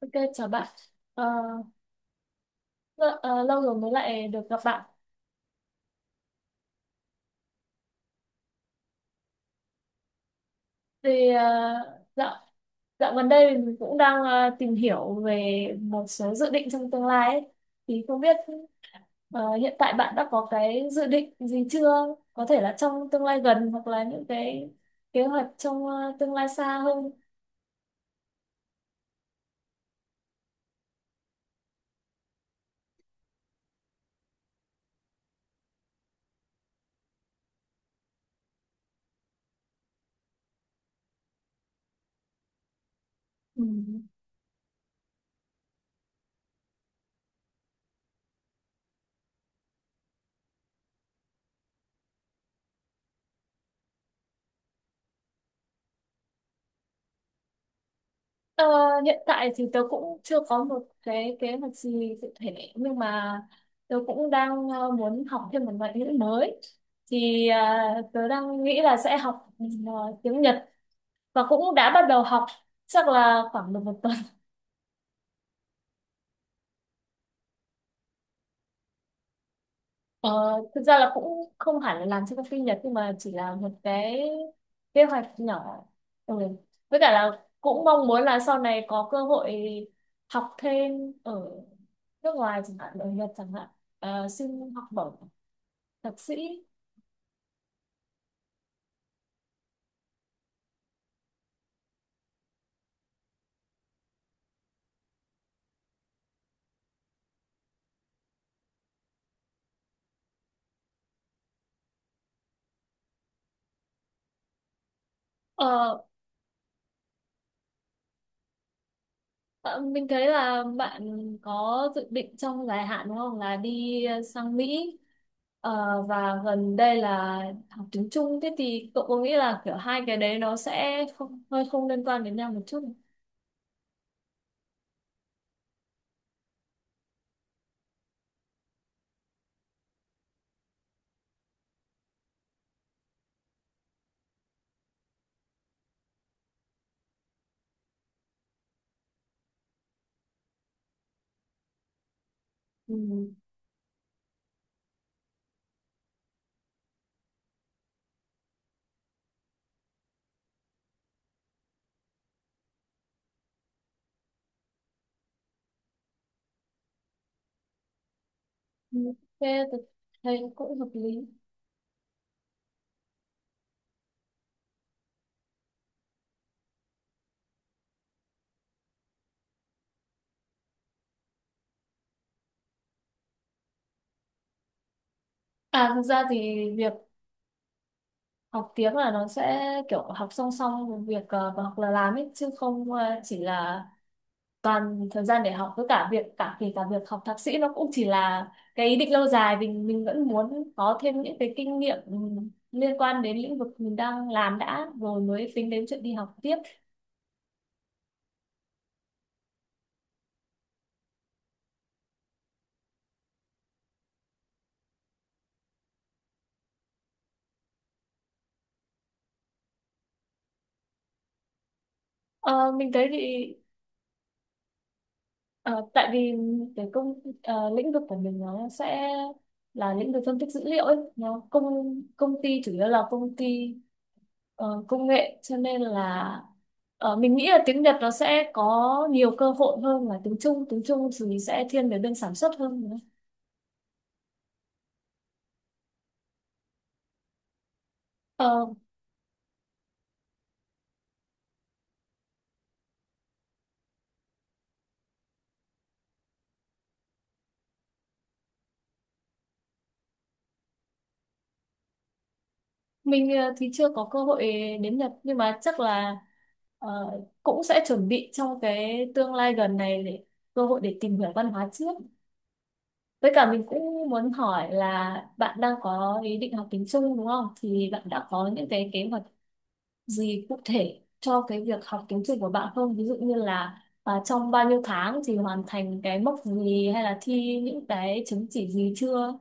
Ok, chào bạn. Ờ, lâu rồi mới lại được gặp bạn. Thì ờ, dạo dạo gần đây mình cũng đang tìm hiểu về một số dự định trong tương lai ấy. Thì không biết hiện tại bạn đã có cái dự định gì chưa? Có thể là trong tương lai gần hoặc là những cái kế hoạch trong tương lai xa hơn. Ừ. Ờ, Hiện tại thì tớ cũng chưa có một cái kế hoạch gì cụ thể nhưng mà tớ cũng đang muốn học thêm một ngoại ngữ mới thì tớ đang nghĩ là sẽ học tiếng Nhật và cũng đã bắt đầu học chắc là khoảng được một tuần. Ờ, thực ra là cũng không hẳn là làm cho công ty Nhật nhưng mà chỉ là một cái kế hoạch nhỏ. Ừ. Với cả là cũng mong muốn là sau này có cơ hội học thêm ở nước ngoài, chẳng hạn ở Nhật chẳng hạn. Ờ, xin học bổng thạc sĩ. Ờ, ờ, mình thấy là bạn có dự định trong dài hạn đúng không, là đi sang Mỹ. Ờ, và gần đây là học tiếng Trung, thế thì cậu có nghĩ là kiểu hai cái đấy nó sẽ không, hơi không liên quan đến nhau một chút không? Ừ. Ừ, thế tôi thấy cũng hợp lý. À, thực ra thì việc học tiếng là nó sẽ kiểu học song song với việc học là làm ấy, chứ không chỉ là toàn thời gian để học. Với cả việc cả kể cả việc học thạc sĩ nó cũng chỉ là cái ý định lâu dài, mình vẫn muốn có thêm những cái kinh nghiệm liên quan đến lĩnh vực mình đang làm đã rồi mới tính đến chuyện đi học tiếp. Ờ, mình thấy thì ờ, tại vì lĩnh vực của mình nó sẽ là lĩnh vực phân tích dữ liệu ấy, nó công công ty chủ yếu là công ty công nghệ, cho nên là mình nghĩ là tiếng Nhật nó sẽ có nhiều cơ hội hơn là tiếng Trung. Tiếng Trung thì sẽ thiên về bên sản xuất hơn nữa. Ờ, thì chưa có cơ hội đến Nhật nhưng mà chắc là ờ, cũng sẽ chuẩn bị trong cái tương lai gần này để cơ hội để tìm hiểu văn hóa trước. Với cả mình cũng muốn hỏi là bạn đang có ý định học tiếng Trung đúng không? Thì bạn đã có những cái kế hoạch gì cụ thể cho cái việc học tiến trình của bạn không? Ví dụ như là trong bao nhiêu tháng thì hoàn thành cái mốc gì, hay là thi những cái chứng chỉ gì chưa?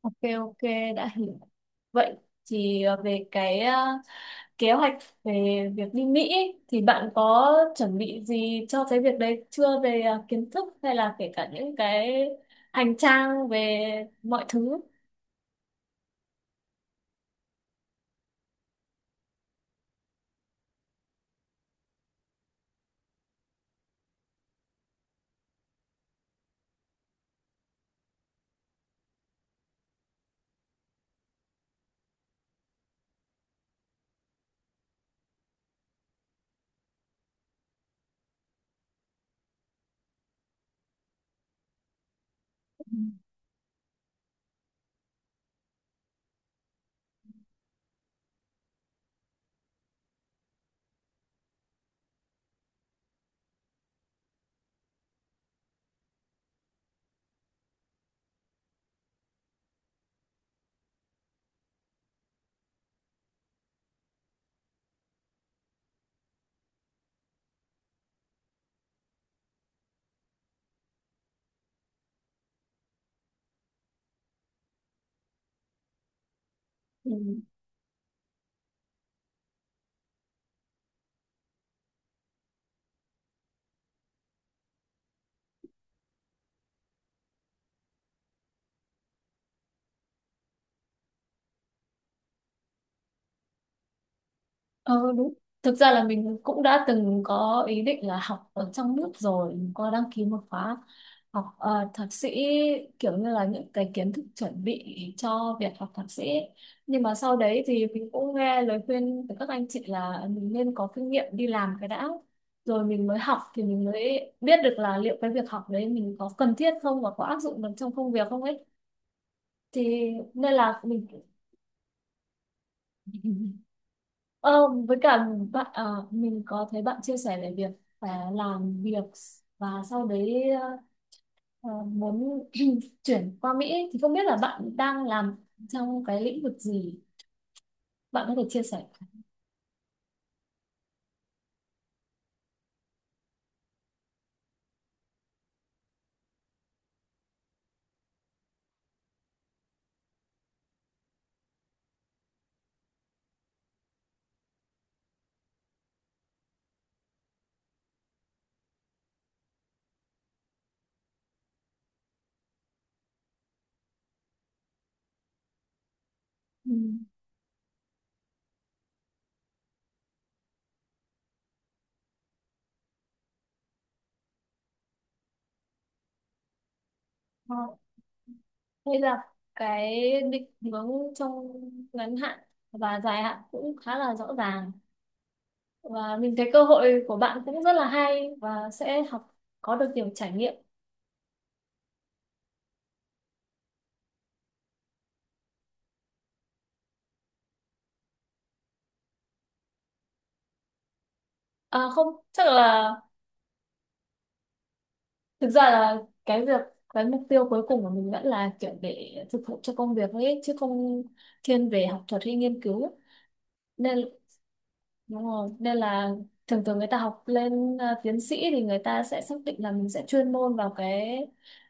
Ok, ok, đã hiểu. Vậy thì kế hoạch về việc đi Mỹ ấy, thì bạn có chuẩn bị gì cho cái việc đấy chưa, về kiến thức hay là kể cả những cái hành trang về mọi thứ? Ừ. Ờ đúng. Thực ra là mình cũng đã từng có ý định là học ở trong nước rồi, mình có đăng ký một khóa học thạc sĩ, kiểu như là những cái kiến thức chuẩn bị cho việc học thạc sĩ. Nhưng mà sau đấy thì mình cũng nghe lời khuyên từ các anh chị là mình nên có kinh nghiệm đi làm cái đã. Rồi mình mới học thì mình mới biết được là liệu cái việc học đấy mình có cần thiết không và có áp dụng được trong công việc không ấy. Thì nên là mình ờ, với cả mình có thấy bạn chia sẻ về việc phải làm việc và sau đấy ờ, muốn chuyển qua Mỹ ấy, thì không biết là bạn đang làm trong cái lĩnh vực gì, bạn có thể chia sẻ không? Ừ. Ờ, hay là cái định hướng trong ngắn hạn và dài hạn cũng khá là rõ ràng, và mình thấy cơ hội của bạn cũng rất là hay và sẽ học có được nhiều trải nghiệm. À, không chắc là thực ra là cái việc cái mục tiêu cuối cùng của mình vẫn là kiểu để phục vụ cho công việc thôi ấy, chứ không thiên về học thuật hay nghiên cứu nên. Đúng rồi, nên là thường thường người ta học lên tiến sĩ thì người ta sẽ xác định là mình sẽ chuyên môn vào cái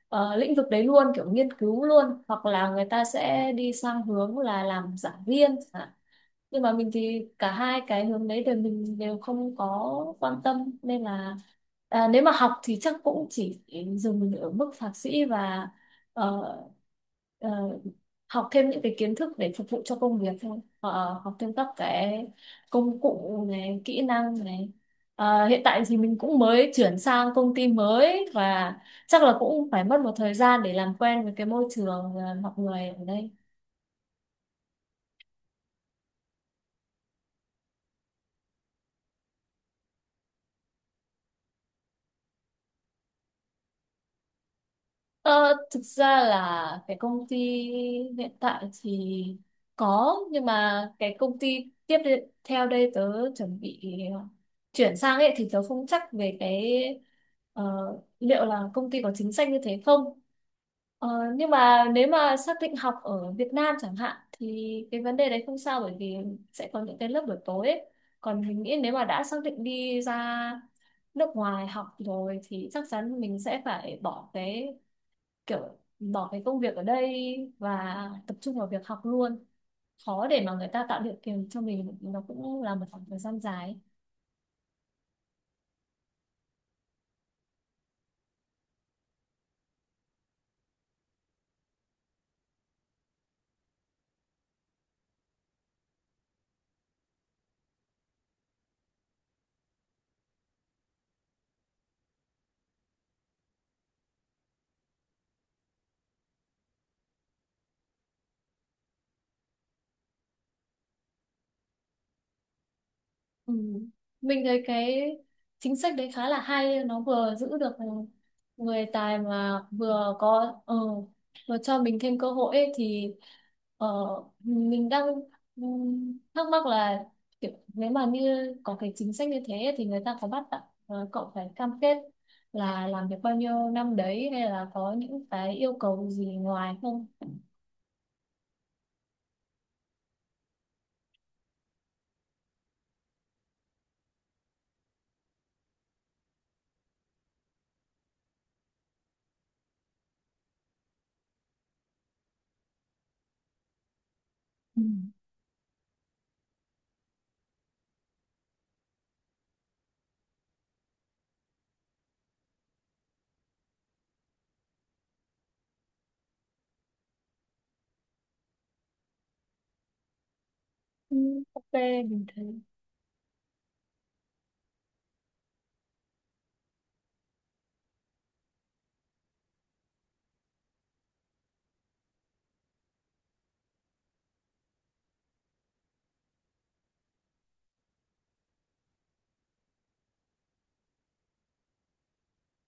lĩnh vực đấy luôn, kiểu nghiên cứu luôn, hoặc là người ta sẽ đi sang hướng là làm giảng viên chẳng hạn. Nhưng mà mình thì cả hai cái hướng đấy đều mình đều không có quan tâm, nên là nếu mà học thì chắc cũng chỉ dừng ở mức thạc sĩ và ờ, ờ, học thêm những cái kiến thức để phục vụ cho công việc thôi. Ờ, học thêm các cái công cụ này, kỹ năng này. À, hiện tại thì mình cũng mới chuyển sang công ty mới và chắc là cũng phải mất một thời gian để làm quen với cái môi trường, mọi người ở đây. Ờ, thực ra là cái công ty hiện tại thì có, nhưng mà cái công ty theo đây tớ chuẩn bị à, chuyển sang ấy thì tớ không chắc về cái ờ, liệu là công ty có chính sách như thế không. Ờ, nhưng mà nếu mà xác định học ở Việt Nam chẳng hạn thì cái vấn đề đấy không sao, bởi vì sẽ có những cái lớp buổi tối ấy. Còn mình nghĩ nếu mà đã xác định đi ra nước ngoài học rồi thì chắc chắn mình sẽ phải bỏ cái, kiểu bỏ cái công việc ở đây và tập trung vào việc học luôn, khó để mà người ta tạo điều kiện cho mình, nó cũng là một khoảng thời gian dài ấy. Ừ. Mình thấy cái chính sách đấy khá là hay, nó vừa giữ được người tài mà vừa có vừa cho mình thêm cơ hội ấy, thì ờ, mình đang thắc mắc là kiểu, nếu mà như có cái chính sách như thế ấy, thì người ta có bắt cậu phải cam kết là làm việc bao nhiêu năm đấy hay là có những cái yêu cầu gì ngoài không? Ừ. Ừ, ok, mình thấy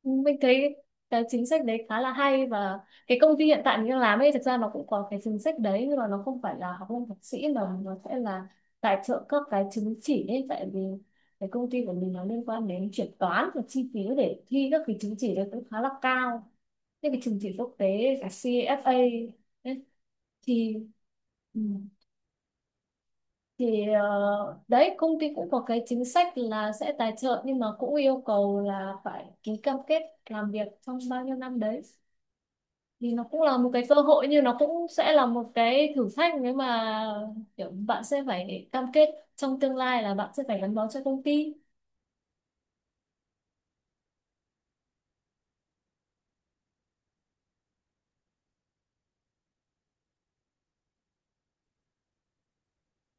mình thấy cái chính sách đấy khá là hay, và cái công ty hiện tại mình đang làm ấy thực ra nó cũng có cái chính sách đấy, nhưng mà nó không phải là học lên thạc sĩ mà nó sẽ là tài trợ các cái chứng chỉ ấy. Tại vì cái công ty của mình nó liên quan đến chuyển toán và chi phí để thi các cái chứng chỉ đấy cũng khá là cao, những cái chứng chỉ quốc tế cả CFA ấy, thì ừ, thì đấy, công ty cũng có cái chính sách là sẽ tài trợ nhưng mà cũng yêu cầu là phải ký cam kết làm việc trong bao nhiêu năm đấy, thì nó cũng là một cái cơ hội nhưng nó cũng sẽ là một cái thử thách, nếu mà kiểu bạn sẽ phải cam kết trong tương lai là bạn sẽ phải gắn bó cho công ty.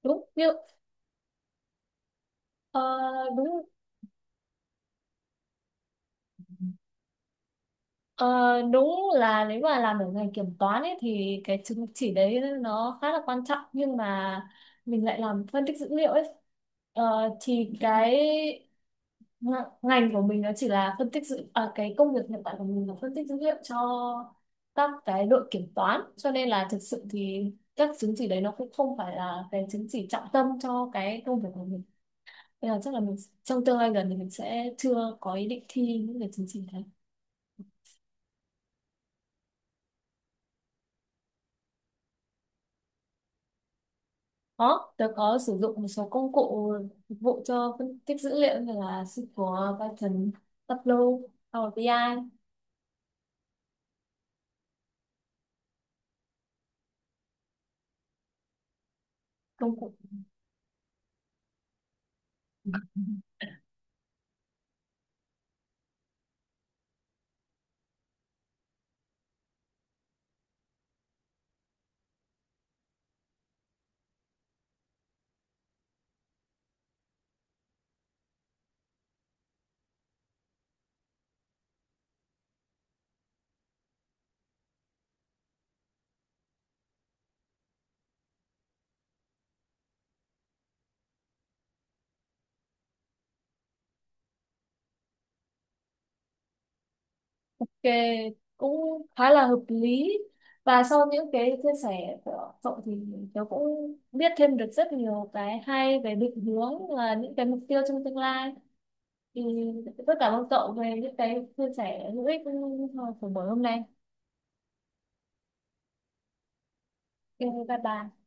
đúng như ờ, đúng ờ, đúng là nếu mà làm ở ngành kiểm toán ấy thì cái chứng chỉ đấy nó khá là quan trọng, nhưng mà mình lại làm phân tích dữ liệu ấy. Ờ, thì cái Ng- ngành của mình nó chỉ là phân tích dữ à, cái công việc hiện tại của mình là phân tích dữ liệu cho các cái đội kiểm toán, cho nên là thực sự thì các chứng chỉ đấy nó cũng không phải là cái chứng chỉ trọng tâm cho cái công việc của mình, nên là chắc là mình trong tương lai gần thì mình sẽ chưa có ý định thi những cái chứng chỉ đấy. Có, tớ có sử dụng một số công cụ phục vụ cho phân tích dữ liệu như là SQL, Python, Tableau, Power BI ai, công cụ. Ok, cũng khá là hợp lý, và sau những cái chia sẻ của cậu thì tớ cũng biết thêm được rất nhiều cái hay về định hướng và những cái mục tiêu trong tương lai, thì rất cảm ơn cậu về những cái chia sẻ hữu ích của buổi hôm nay. Ok, bye bye.